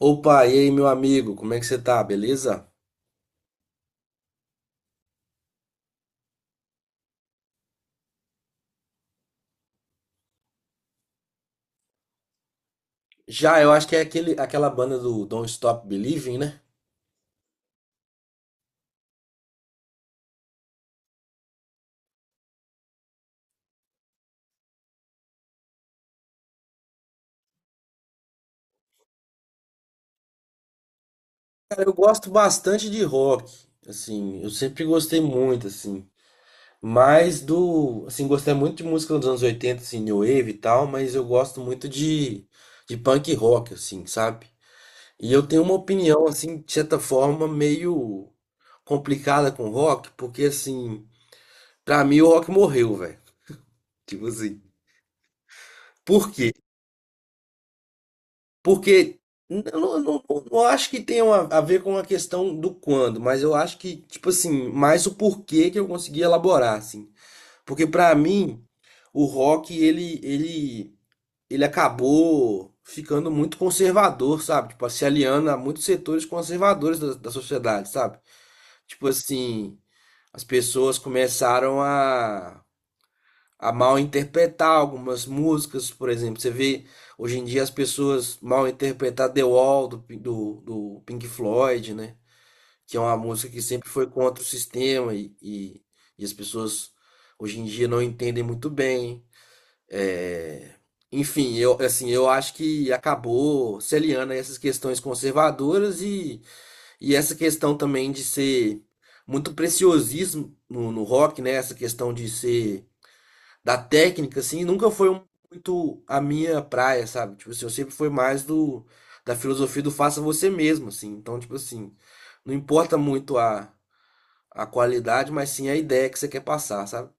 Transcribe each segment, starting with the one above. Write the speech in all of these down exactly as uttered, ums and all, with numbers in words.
Opa, e aí, meu amigo, como é que você tá? Beleza? Já, eu acho que é aquele, aquela banda do Don't Stop Believing, né? Cara, eu gosto bastante de rock, assim, eu sempre gostei muito, assim, mas do, assim, gostei muito de música dos anos oitenta, assim, New Wave e tal, mas eu gosto muito de, de punk rock, assim, sabe? E eu tenho uma opinião, assim, de certa forma, meio complicada com rock, porque, assim, pra mim o rock morreu, velho, tipo assim, por quê? Porque eu não, não, não- acho que tenha uma- a ver com a questão do quando, mas eu acho que, tipo assim, mais o porquê que eu consegui elaborar, assim. Porque pra mim, o rock, ele, ele, ele acabou ficando muito conservador, sabe? Tipo, se aliando a muitos setores conservadores da, da sociedade, sabe? Tipo assim, as pessoas começaram a a mal interpretar algumas músicas, por exemplo. Você vê hoje em dia as pessoas mal interpretar The Wall do, Pin- do, do Pink Floyd, né? Que é uma música que sempre foi contra o sistema e, e, e as pessoas hoje em dia não entendem muito bem. É, enfim, eu, assim, eu acho que acabou se aliando a essas questões conservadoras e, e essa questão também de ser muito preciosismo no, no rock, né? Essa questão de ser da técnica, assim, nunca foi um- muito a minha praia, sabe? Tipo assim, eu sempre fui mais do da filosofia do faça você mesmo, assim. Então, tipo assim, não importa muito a, a qualidade, mas sim a ideia que você quer passar, sabe?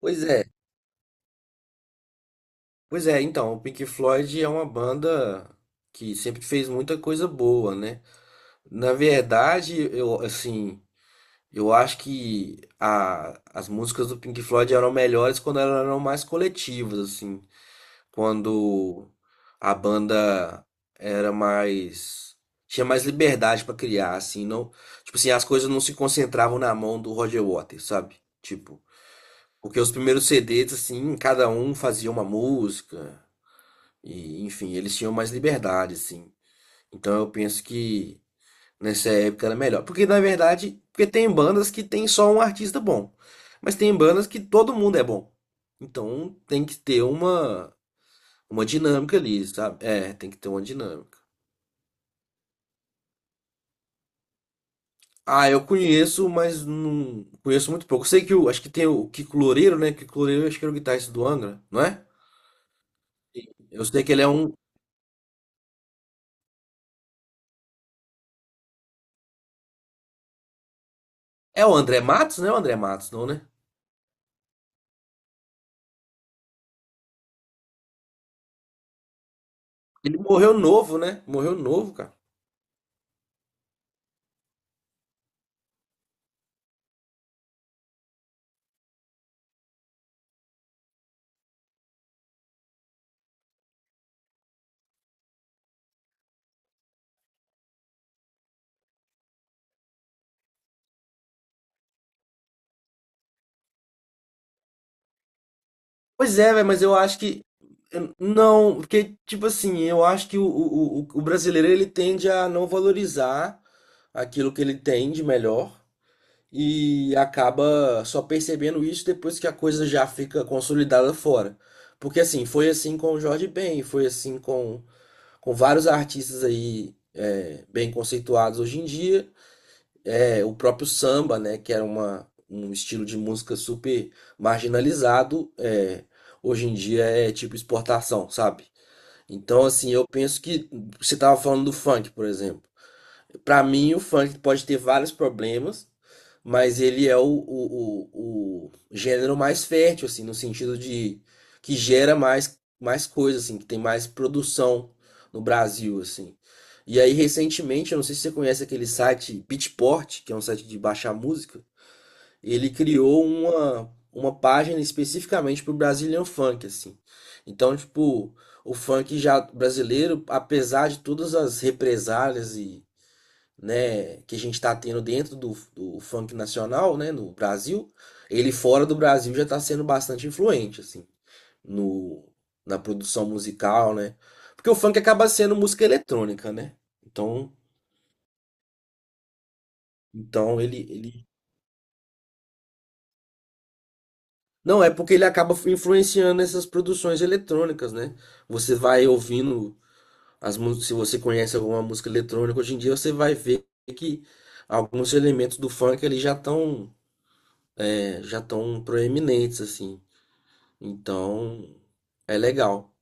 Pois é, pois é, então, o Pink Floyd é uma banda que sempre fez muita coisa boa, né? Na verdade, eu, assim, eu acho que a, as músicas do Pink Floyd eram melhores quando elas eram mais coletivas, assim. Quando a banda era mais, tinha mais liberdade pra criar, assim, não, tipo assim, as coisas não se concentravam na mão do Roger Waters, sabe? Tipo, porque os primeiros C Ds assim, cada um fazia uma música e enfim, eles tinham mais liberdade assim. Então eu penso que nessa época era melhor, porque na verdade, porque tem bandas que tem só um artista bom, mas tem bandas que todo mundo é bom. Então tem que ter uma uma dinâmica ali, sabe? É, tem que ter uma dinâmica. Ah, eu conheço, mas não conheço muito pouco. Sei que o, acho que tem o Kiko Loureiro, né? Kiko Loureiro, acho que era o guitarrista do Angra, não é? Sim. Eu sei que ele é um. É o André Matos, né? O André Matos, não, né? Ele morreu novo, né? Morreu novo, cara. Pois é, velho, mas eu acho que eu- não, porque, tipo assim, eu acho que o, o, o o brasileiro ele tende a não valorizar aquilo que ele tem de melhor. E acaba só percebendo isso depois que a coisa já fica consolidada fora. Porque assim, foi assim com o Jorge Ben, foi assim com, com vários artistas aí é, bem conceituados hoje em dia. É, o próprio samba, né, que era uma, um estilo de música super marginalizado, é, hoje em dia é tipo exportação, sabe? Então, assim, eu penso que você estava falando do funk, por exemplo. Para mim, o funk pode ter vários problemas, mas ele é o, o, o, o gênero mais fértil, assim, no sentido de que gera mais, mais coisa, assim, que tem mais produção no Brasil, assim. E aí, recentemente, eu não sei se você conhece aquele site Beatport, que é um site de baixar música, ele criou uma, uma página especificamente pro Brazilian Funk, assim. Então, tipo, o funk já brasileiro, apesar de todas as represálias e né, que a gente está tendo dentro do, do funk nacional, né, no Brasil, ele fora do Brasil já está sendo bastante influente, assim, no, na produção musical, né? Porque o funk acaba sendo música eletrônica, né? Então, então ele, ele... Não, é porque ele acaba influenciando essas produções eletrônicas, né? Você vai ouvindo as músicas, se você conhece alguma música eletrônica hoje em dia, você vai ver que alguns elementos do funk ali já estão já estão proeminentes assim. Então, é legal.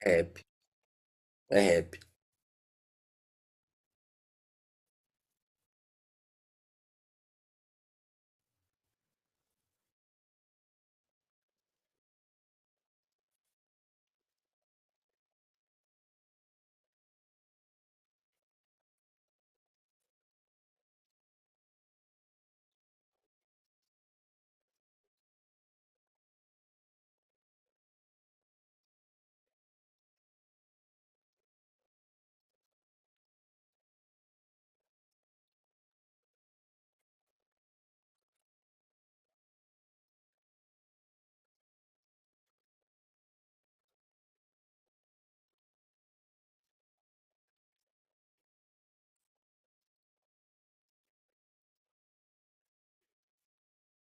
É rap, é rap.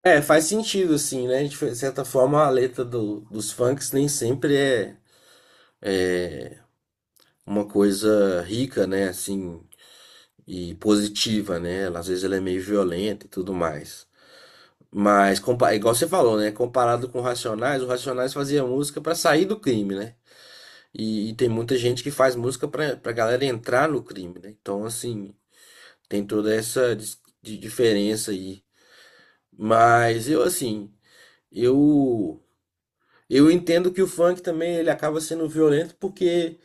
É, faz sentido, assim, né? De certa forma, a letra do- dos funks nem sempre é uma coisa rica, né? Assim, e positiva, né? Ela, às vezes ela é meio violenta e tudo mais. Mas, compa- igual você falou, né? Comparado com o Racionais, o Racionais fazia música pra sair do crime, né? E, e tem muita gente que faz música pra, pra galera entrar no crime, né? Então, assim, tem toda essa dis- de diferença aí. Mas eu, assim. Eu eu entendo que o funk também ele acaba sendo violento porque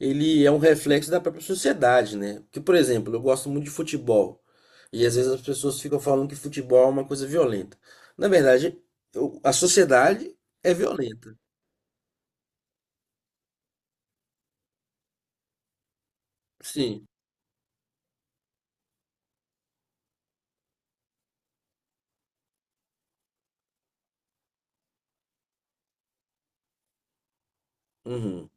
ele é um reflexo da própria sociedade, né? Porque, por exemplo, eu gosto muito de futebol e às vezes as pessoas ficam falando que futebol é uma coisa violenta. Na verdade, eu- a sociedade é violenta. Sim. Uhum.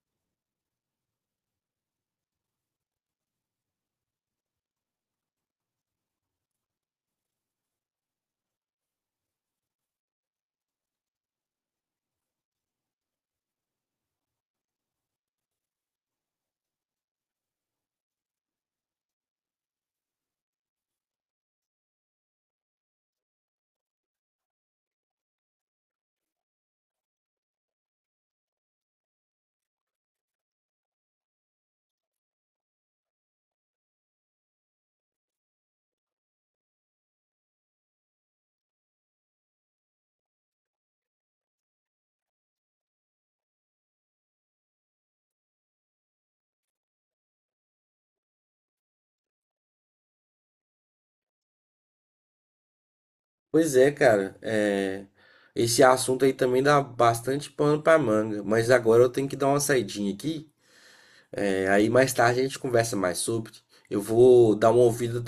Pois é, cara. É, esse assunto aí também dá bastante pano pra manga. Mas agora eu tenho que dar uma saidinha aqui. É, aí mais tarde a gente conversa mais sobre. Eu vou dar uma ouvida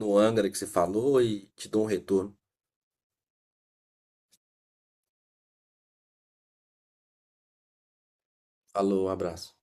no Angra que você falou e te dou um retorno. Alô, um abraço.